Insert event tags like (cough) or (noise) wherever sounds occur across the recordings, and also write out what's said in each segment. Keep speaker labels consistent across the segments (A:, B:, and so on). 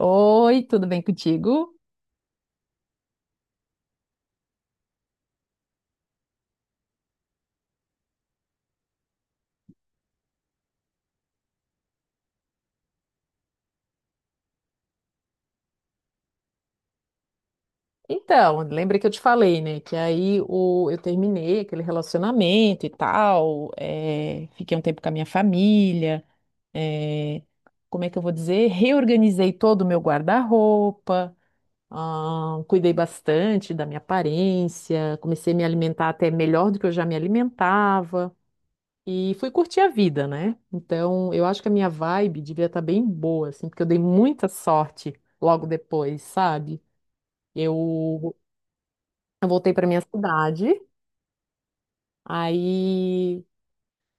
A: Oi, tudo bem contigo? Então, lembra que eu te falei, né? Que eu terminei aquele relacionamento e tal, fiquei um tempo com a minha família, é, como é que eu vou dizer? Reorganizei todo o meu guarda-roupa, ah, cuidei bastante da minha aparência, comecei a me alimentar até melhor do que eu já me alimentava e fui curtir a vida, né? Então, eu acho que a minha vibe devia estar bem boa, assim, porque eu dei muita sorte logo depois, sabe? Eu, eu voltei para minha cidade, aí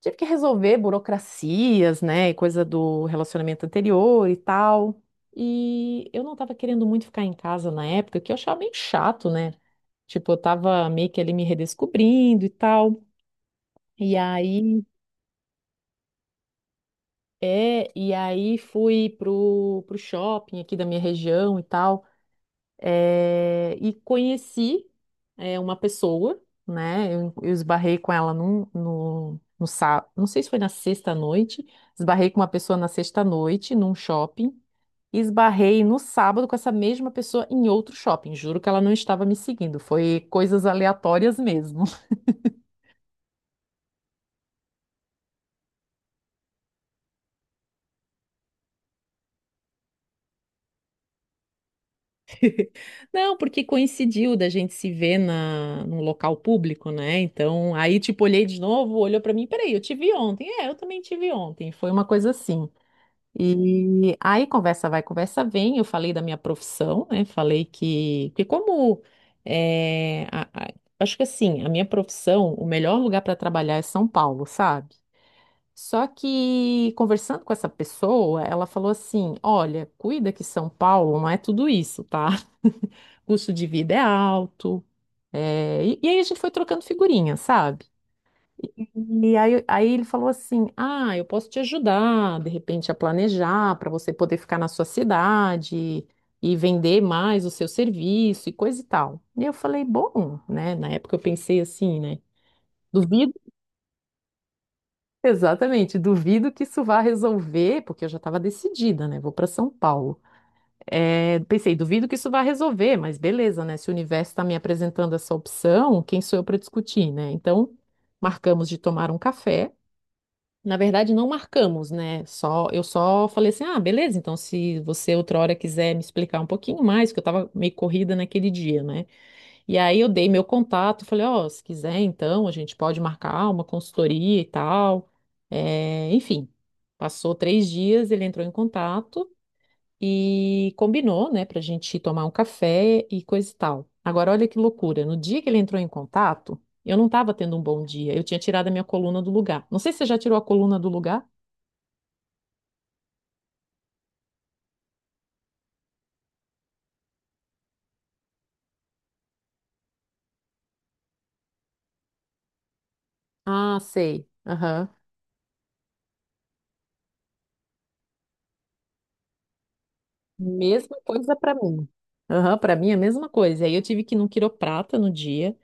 A: tive que resolver burocracias, né, e coisa do relacionamento anterior e tal. E eu não estava querendo muito ficar em casa na época, que eu achava meio chato, né? Tipo, eu tava meio que ali me redescobrindo e tal. E aí, e aí fui pro shopping aqui da minha região e tal. E conheci uma pessoa, né? Eu esbarrei com ela no sábado, não sei se foi na sexta noite, esbarrei com uma pessoa na sexta noite num shopping e esbarrei no sábado com essa mesma pessoa em outro shopping. Juro que ela não estava me seguindo, foi coisas aleatórias mesmo. (laughs) Não, porque coincidiu da gente se ver num local público, né? Então, aí, tipo, olhei de novo, olhou pra mim, peraí, eu te vi ontem. É, eu também te vi ontem. Foi uma coisa assim. E aí conversa vai, conversa vem. Eu falei da minha profissão, né? Falei que como é, a- a- acho que assim, a minha profissão, o melhor lugar para trabalhar é São Paulo, sabe? Só que conversando com essa pessoa, ela falou assim: olha, cuida que São Paulo não é tudo isso, tá? (laughs) Custo de vida é alto. E aí a gente foi trocando figurinha, sabe? E aí, ele falou assim: ah, eu posso te ajudar, de repente, a planejar para você poder ficar na sua cidade e vender mais o seu serviço e coisa e tal. E eu falei: bom, né? Na época eu pensei assim, né? Duvido, (laughs) exatamente, duvido que isso vá resolver, porque eu já estava decidida, né? Vou para São Paulo. É, pensei: duvido que isso vá resolver, mas beleza, né? Se o universo está me apresentando essa opção, quem sou eu para discutir, né? Então, marcamos de tomar um café. Na verdade, não marcamos, né? Só, eu só falei assim: ah, beleza, então se você outra hora quiser me explicar um pouquinho mais, porque eu tava meio corrida naquele dia, né? E aí eu dei meu contato, falei: ó, se quiser, então a gente pode marcar uma consultoria e tal. É, enfim, passou 3 dias, ele entrou em contato e combinou, né, pra gente tomar um café e coisa e tal. Agora, olha que loucura: no dia que ele entrou em contato, eu não tava tendo um bom dia, eu tinha tirado a minha coluna do lugar. Não sei se você já tirou a coluna do lugar. Ah, sei. Aham. Mesma coisa para mim. Aham, para mim é a mesma coisa. E aí eu tive que ir num quiroprata no dia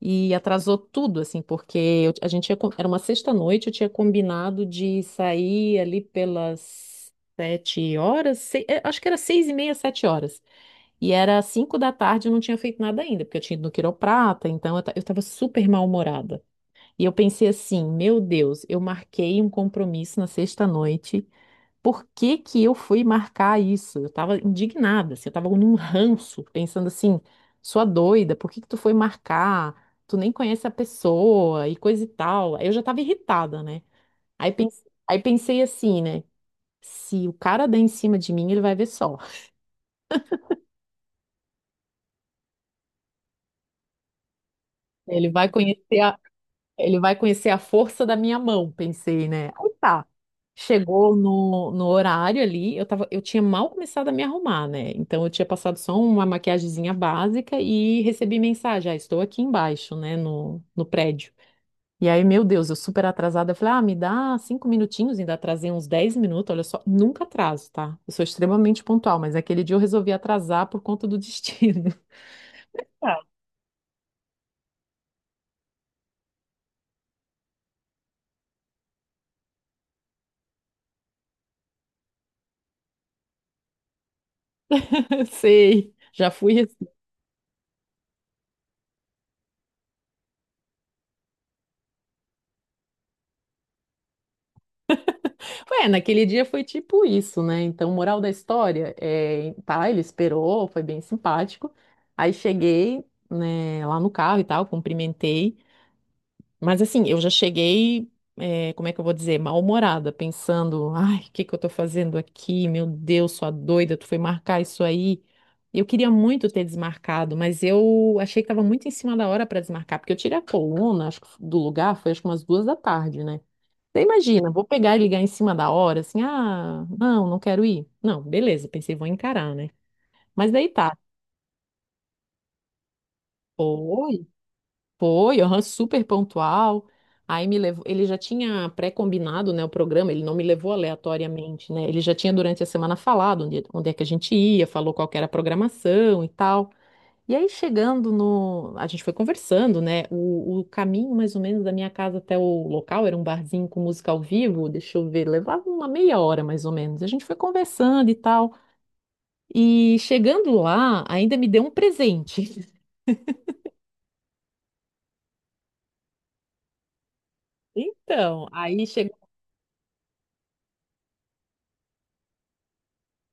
A: e atrasou tudo, assim, porque a gente tinha, era uma sexta-noite, eu tinha combinado de sair ali pelas 7 horas, acho que era 6:30, 7 horas. E era 5 da tarde, eu não tinha feito nada ainda, porque eu tinha ido no quiroprata, então eu estava super mal-humorada. E eu pensei assim, meu Deus, eu marquei um compromisso na sexta-noite. Por que que eu fui marcar isso? Eu tava indignada, assim, eu tava num ranço, pensando assim, sua doida, por que que tu foi marcar? Tu nem conhece a pessoa e coisa e tal. Aí eu já tava irritada, né? Aí pensei assim, né? Se o cara der em cima de mim, ele vai ver só. (laughs) Ele vai conhecer Ele vai conhecer a força da minha mão, pensei, né? Aí tá. Chegou no horário ali, eu tava, eu tinha mal começado a me arrumar, né? Então eu tinha passado só uma maquiagemzinha básica e recebi mensagem: ah, estou aqui embaixo, né, no prédio. E aí, meu Deus, eu super atrasada, eu falei: ah, me dá 5 minutinhos. Ainda atrasei uns 10 minutos, olha só, nunca atraso, tá? Eu sou extremamente pontual, mas aquele dia eu resolvi atrasar por conta do destino. (laughs) Sei, já fui. É, naquele dia foi tipo isso, né? Então, moral da história, tá, ele esperou, foi bem simpático. Aí cheguei, né, lá no carro e tal, cumprimentei. Mas assim, eu já cheguei, como é que eu vou dizer, mal-humorada, pensando: ai, o que que eu tô fazendo aqui? Meu Deus, sua doida, tu foi marcar isso aí. Eu queria muito ter desmarcado, mas eu achei que tava muito em cima da hora para desmarcar, porque eu tirei a coluna, acho que do lugar, foi acho que umas 2 da tarde, né? Você imagina, vou pegar e ligar em cima da hora, assim: ah, não, não quero ir. Não, beleza, pensei, vou encarar, né? Mas daí tá, foi, foi, aham, super pontual. Aí me levou, ele já tinha pré-combinado, né, o programa. Ele não me levou aleatoriamente, né? Ele já tinha durante a semana falado onde é que a gente ia, falou qual que era a programação e tal. E aí, chegando no. A gente foi conversando, né? O caminho, mais ou menos, da minha casa até o local era um barzinho com música ao vivo. Deixa eu ver, levava uma meia hora, mais ou menos. A gente foi conversando e tal. E chegando lá, ainda me deu um presente. (laughs) Então, aí chegou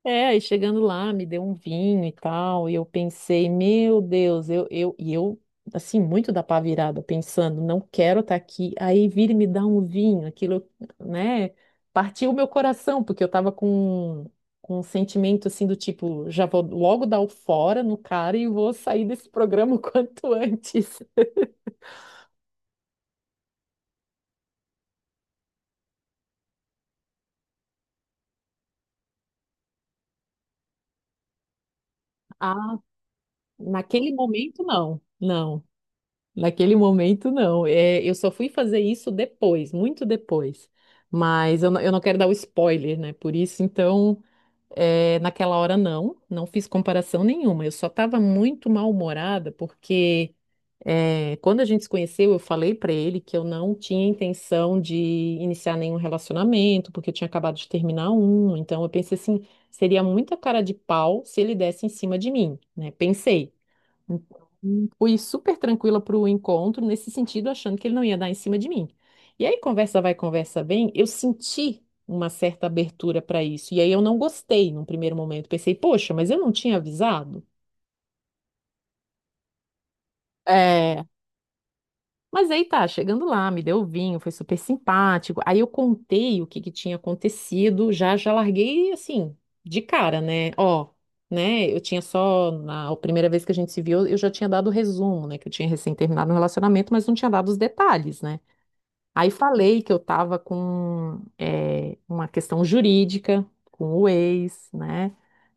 A: É, aí chegando lá, me deu um vinho e tal, e eu pensei, meu Deus, assim, muito da pá virada, pensando: não quero estar aqui, aí vir e me dar um vinho, aquilo, né, partiu o meu coração, porque eu tava com um sentimento, assim, do tipo: já vou logo dar o fora no cara e vou sair desse programa o (laughs) quanto antes. Ah, naquele momento, não, não. Naquele momento, não. É, eu só fui fazer isso depois, muito depois. Mas eu não quero dar o spoiler, né? Por isso, então, naquela hora, não. Não fiz comparação nenhuma. Eu só estava muito mal-humorada, porque quando a gente se conheceu, eu falei para ele que eu não tinha intenção de iniciar nenhum relacionamento, porque eu tinha acabado de terminar um. Então, eu pensei assim: seria muita cara de pau se ele desse em cima de mim, né? Pensei. Então, fui super tranquila para o encontro, nesse sentido, achando que ele não ia dar em cima de mim. E aí, conversa vai, conversa vem, eu senti uma certa abertura para isso. E aí, eu não gostei num primeiro momento. Pensei: poxa, mas eu não tinha avisado? É. Mas aí tá, chegando lá, me deu o vinho, foi super simpático. Aí eu contei o que que tinha acontecido, já já larguei assim, de cara, né? Ó, né? Eu tinha só na a primeira vez que a gente se viu, eu já tinha dado o resumo, né, que eu tinha recém terminado um relacionamento, mas não tinha dado os detalhes, né? Aí falei que eu tava com uma questão jurídica com o ex, né?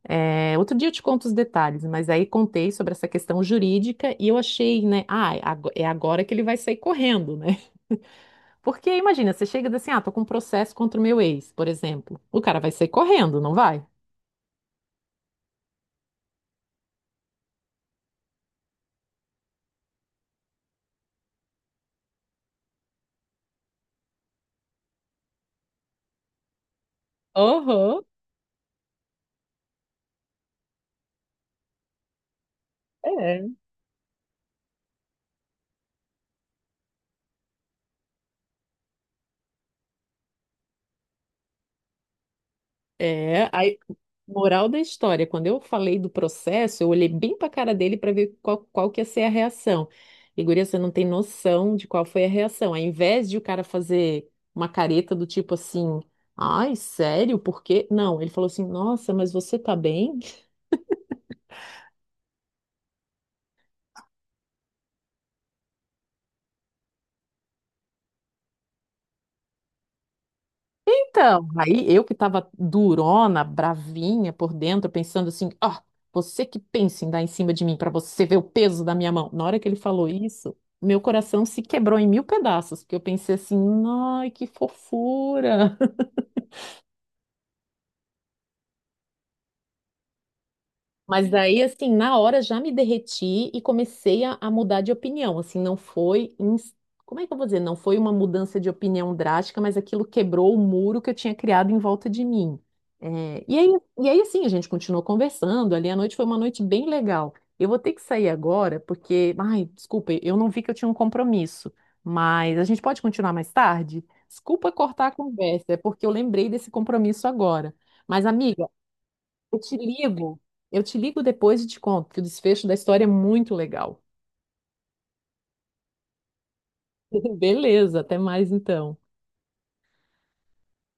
A: É, outro dia eu te conto os detalhes, mas aí contei sobre essa questão jurídica e eu achei, né? Ah, é agora que ele vai sair correndo, né? (laughs) Porque imagina, você chega e diz assim: ah, tô com um processo contra o meu ex, por exemplo. O cara vai sair correndo, não vai? Uhum. É. É, aí, moral da história, quando eu falei do processo, eu olhei bem pra cara dele para ver qual que ia ser a reação. E, guria, você não tem noção de qual foi a reação. Ao invés de o cara fazer uma careta do tipo assim: ai, sério, por quê? Não, ele falou assim: nossa, mas você tá bem? Então, aí eu que estava durona, bravinha por dentro, pensando assim: ó, você que pensa em dar em cima de mim, para você ver o peso da minha mão. Na hora que ele falou isso, meu coração se quebrou em mil pedaços, porque eu pensei assim: ai, que fofura. Mas daí, assim, na hora já me derreti e comecei a mudar de opinião. Assim, não foi. Como é que eu vou dizer? Não foi uma mudança de opinião drástica, mas aquilo quebrou o muro que eu tinha criado em volta de mim. É, e aí, assim, a gente continuou conversando ali. A noite foi uma noite bem legal. Eu vou ter que sair agora, porque. Ai, desculpa, eu não vi que eu tinha um compromisso. Mas a gente pode continuar mais tarde? Desculpa cortar a conversa, é porque eu lembrei desse compromisso agora. Mas, amiga. Eu te ligo. Eu te ligo depois e te conto, que o desfecho da história é muito legal. (laughs) Beleza, até mais então.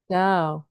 A: Tchau.